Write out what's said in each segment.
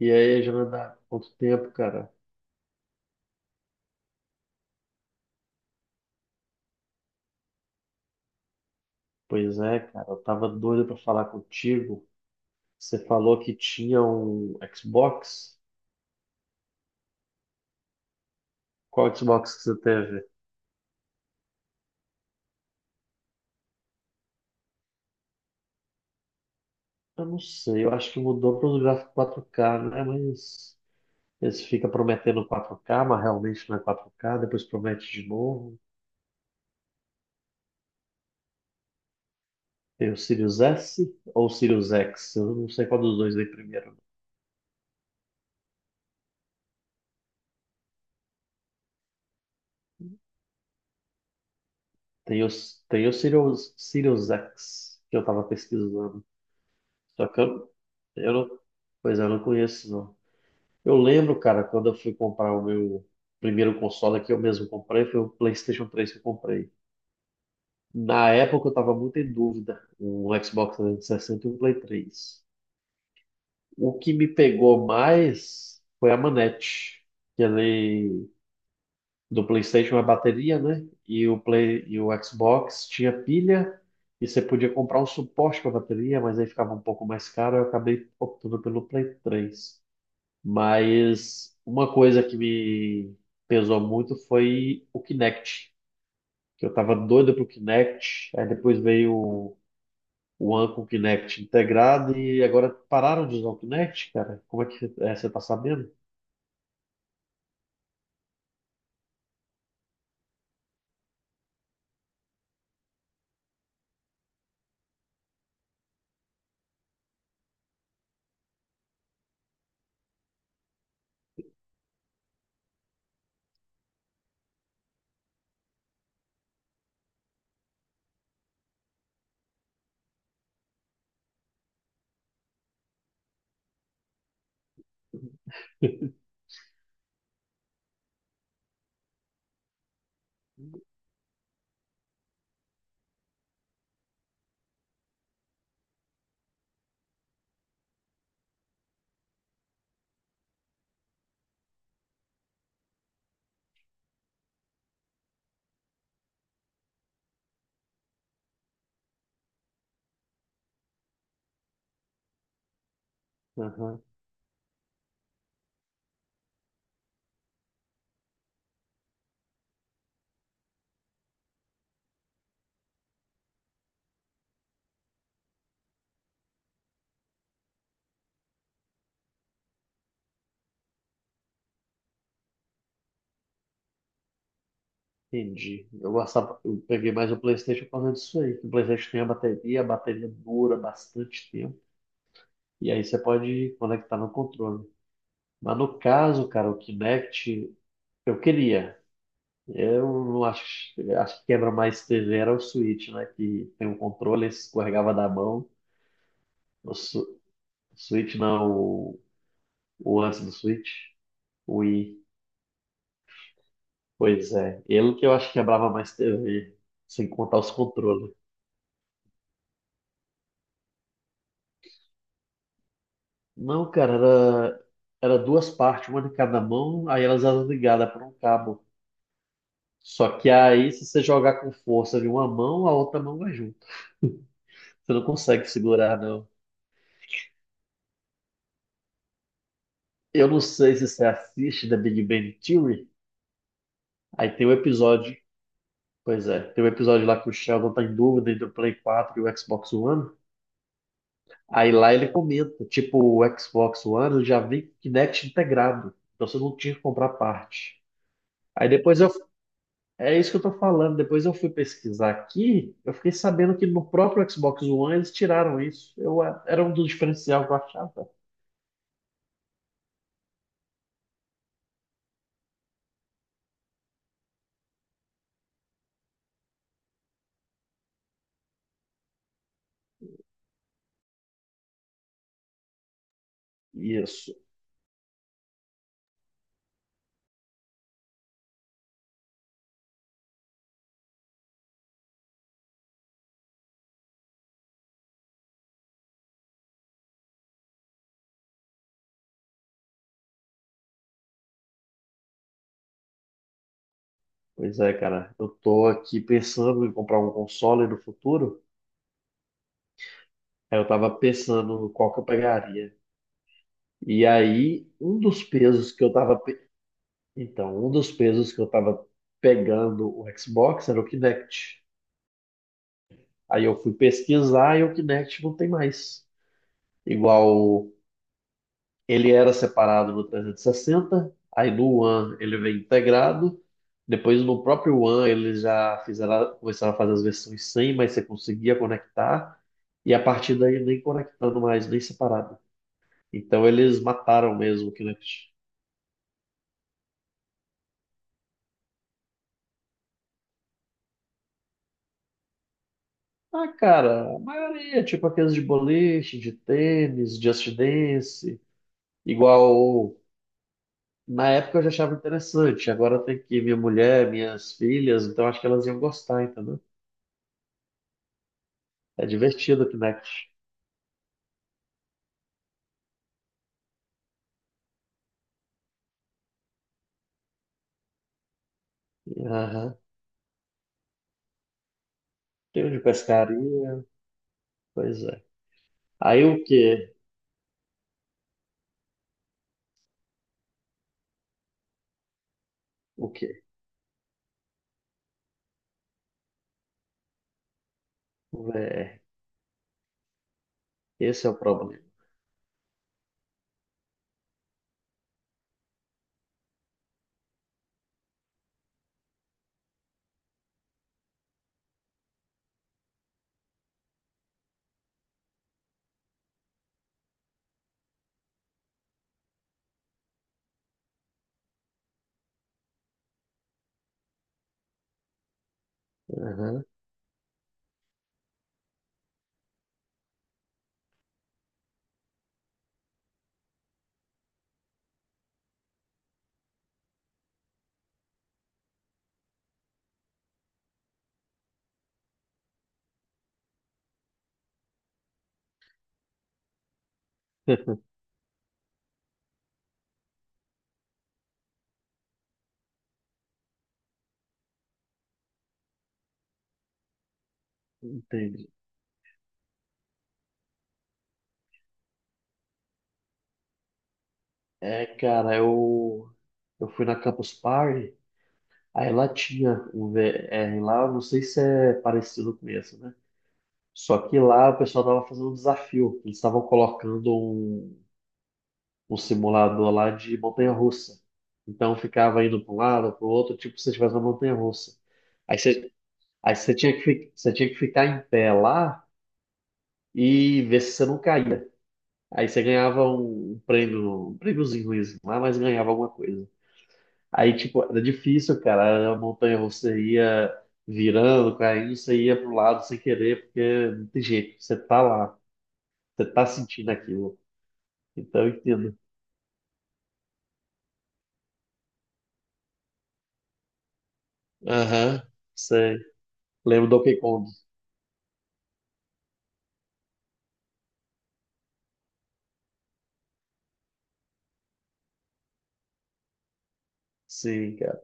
E aí, Jonathan, quanto tempo, cara? Pois é, cara, eu tava doido pra falar contigo. Você falou que tinha um Xbox? Qual Xbox que você teve? Eu não sei, eu acho que mudou para os gráficos 4K, né? Mas eles ficam prometendo 4K, mas realmente não é 4K, depois promete de novo. Tem o Sirius S ou o Sirius X? Eu não sei qual dos dois veio primeiro. Tem o, tem o Sirius X, que eu tava pesquisando. Só que eu não, pois é, eu não conheço, não. Eu lembro, cara, quando eu fui comprar o meu primeiro console que eu mesmo comprei, foi o PlayStation 3 que eu comprei. Na época eu tava muito em dúvida, um Xbox 360 e sessenta e um Play 3. O que me pegou mais foi a manete, que ele do PlayStation é bateria, né? E o Play e o Xbox tinha pilha e você podia comprar um suporte para bateria, mas aí ficava um pouco mais caro, eu acabei optando pelo Play 3. Mas uma coisa que me pesou muito foi o Kinect, que eu tava doido pro Kinect, aí depois veio o One com o Kinect integrado e agora pararam de usar o Kinect, cara. Como é que é, você tá sabendo? Aham, entendi. Eu gostava, eu peguei mais o PlayStation por causa disso aí. Que O PlayStation tem a bateria dura bastante tempo. E aí você pode conectar no controle. Mas no caso, cara, o Kinect, eu queria. Eu não acho, acho que quebra mais TV era o Switch, né? Que tem um controle, escorregava da mão. O Su- Switch não, o antes do Switch, o Wii. Pois é, ele que eu acho que quebrava mais TV, sem contar os controles. Não, cara, era duas partes, uma de cada mão, aí elas eram ligadas por um cabo. Só que aí, se você jogar com força de uma mão, a outra mão vai junto. Você não consegue segurar, não. Eu não sei se você assiste The Big Bang Theory. Aí tem o episódio, pois é, tem o episódio lá que o Sheldon tá em dúvida entre o Play 4 e o Xbox One. Aí lá ele comenta, tipo, o Xbox One já vem com Kinect integrado, então você não tinha que comprar parte. Aí depois eu, é isso que eu tô falando, depois eu fui pesquisar aqui, eu fiquei sabendo que no próprio Xbox One eles tiraram isso. Era um dos diferencial que eu achava. Isso. Pois é, cara, eu tô aqui pensando em comprar um console no futuro. Aí eu tava pensando qual que eu pegaria. E aí, um dos pesos que eu tava. Pe- então, um dos pesos que eu tava pegando o Xbox era o Kinect. Aí eu fui pesquisar e o Kinect não tem mais. Igual ele era separado no 360, aí no One ele vem integrado. Depois no próprio One eles já fizeram, começaram a fazer as versões sem, mas você conseguia conectar. E a partir daí nem conectando mais, nem separado. Então eles mataram mesmo o Kinect. Ah, cara, a maioria, é tipo aqueles de boliche, de tênis, Just Dance, igual na época eu já achava interessante, agora tem que ir minha mulher, minhas filhas, então acho que elas iam gostar, entendeu? É divertido o Kinect. Aham. Tem um de pescaria, pois é. Aí o quê? O quê? O VR. Esse é o problema. Aham. Entendi. É, cara, eu fui na Campus Party. Aí lá tinha um VR lá, eu não sei se é parecido com esse, né? Só que lá o pessoal tava fazendo um desafio. Eles estavam colocando um simulador lá de montanha-russa. Então ficava indo para um lado, para o outro, tipo se você estivesse na montanha-russa. Aí você, aí você tinha que, você tinha que ficar em pé lá e ver se você não caía. Aí você ganhava um, um prêmio, um prêmiozinho ruimzinho lá, mas ganhava alguma coisa. Aí, tipo, era difícil, cara. A montanha russa ia virando, caindo, você ia pro lado sem querer, porque não tem jeito. Você tá lá, você tá sentindo aquilo. Então, eu entendo. Aham, sei. Lembro do Donkey Kong. Sim, cara.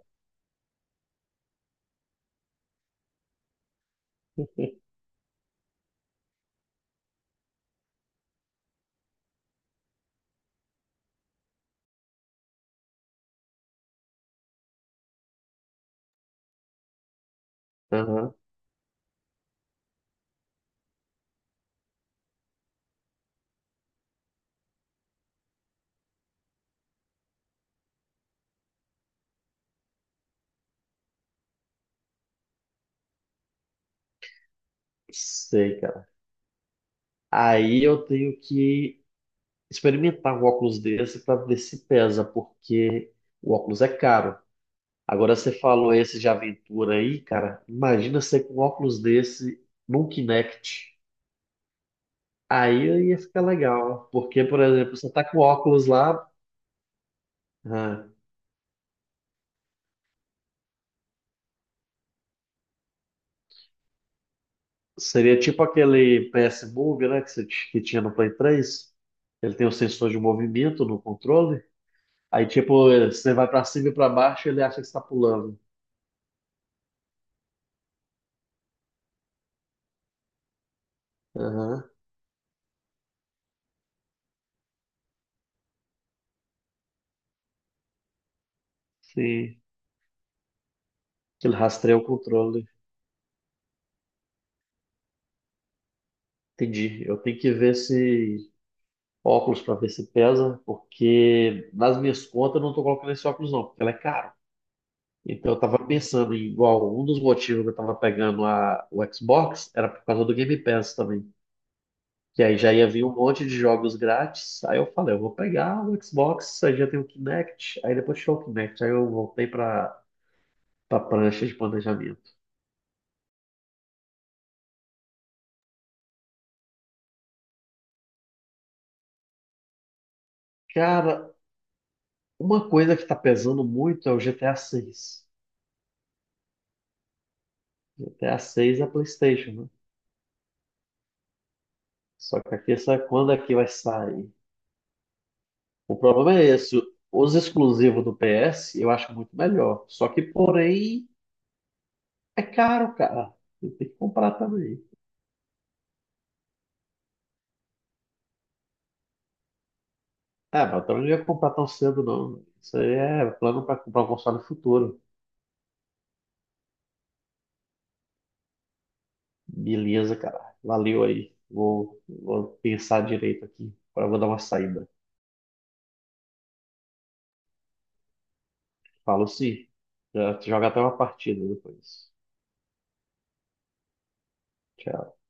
Aham, sei, cara. Aí eu tenho que experimentar um óculos desse pra ver se pesa, porque o óculos é caro. Agora, você falou esse de aventura aí, cara. Imagina você com um óculos desse num Kinect. Aí ia ficar legal, porque, por exemplo, você tá com óculos lá, ah, seria tipo aquele PS Move, né, que tinha no Play 3, ele tem o sensor de movimento no controle, aí tipo, você vai pra cima e pra baixo, ele acha que você tá pulando. Aham, sim, ele rastreia o controle. Entendi, eu tenho que ver esse óculos pra ver se pesa, porque nas minhas contas eu não tô colocando esse óculos não, porque ele é caro. Então eu tava pensando em igual, um dos motivos que eu tava pegando o Xbox era por causa do Game Pass também. Que aí já ia vir um monte de jogos grátis. Aí eu falei, eu vou pegar o Xbox, aí já tem o Kinect, aí depois tirou o Kinect, aí eu voltei pra prancha de planejamento. Cara, uma coisa que tá pesando muito é o GTA 6. GTA 6 GTA seis é PlayStation, né? Só que a questão é quando é que vai sair. O problema é esse. Os exclusivos do PS eu acho muito melhor. Só que, porém, é caro, cara. Você tem que comprar também. É, mas eu também não ia comprar tão cedo, não. Isso aí é plano para comprar um console no futuro. Beleza, cara. Valeu aí. Vou pensar direito aqui. Agora eu vou dar uma saída. Falo sim. Já te joga até uma partida depois. Tchau.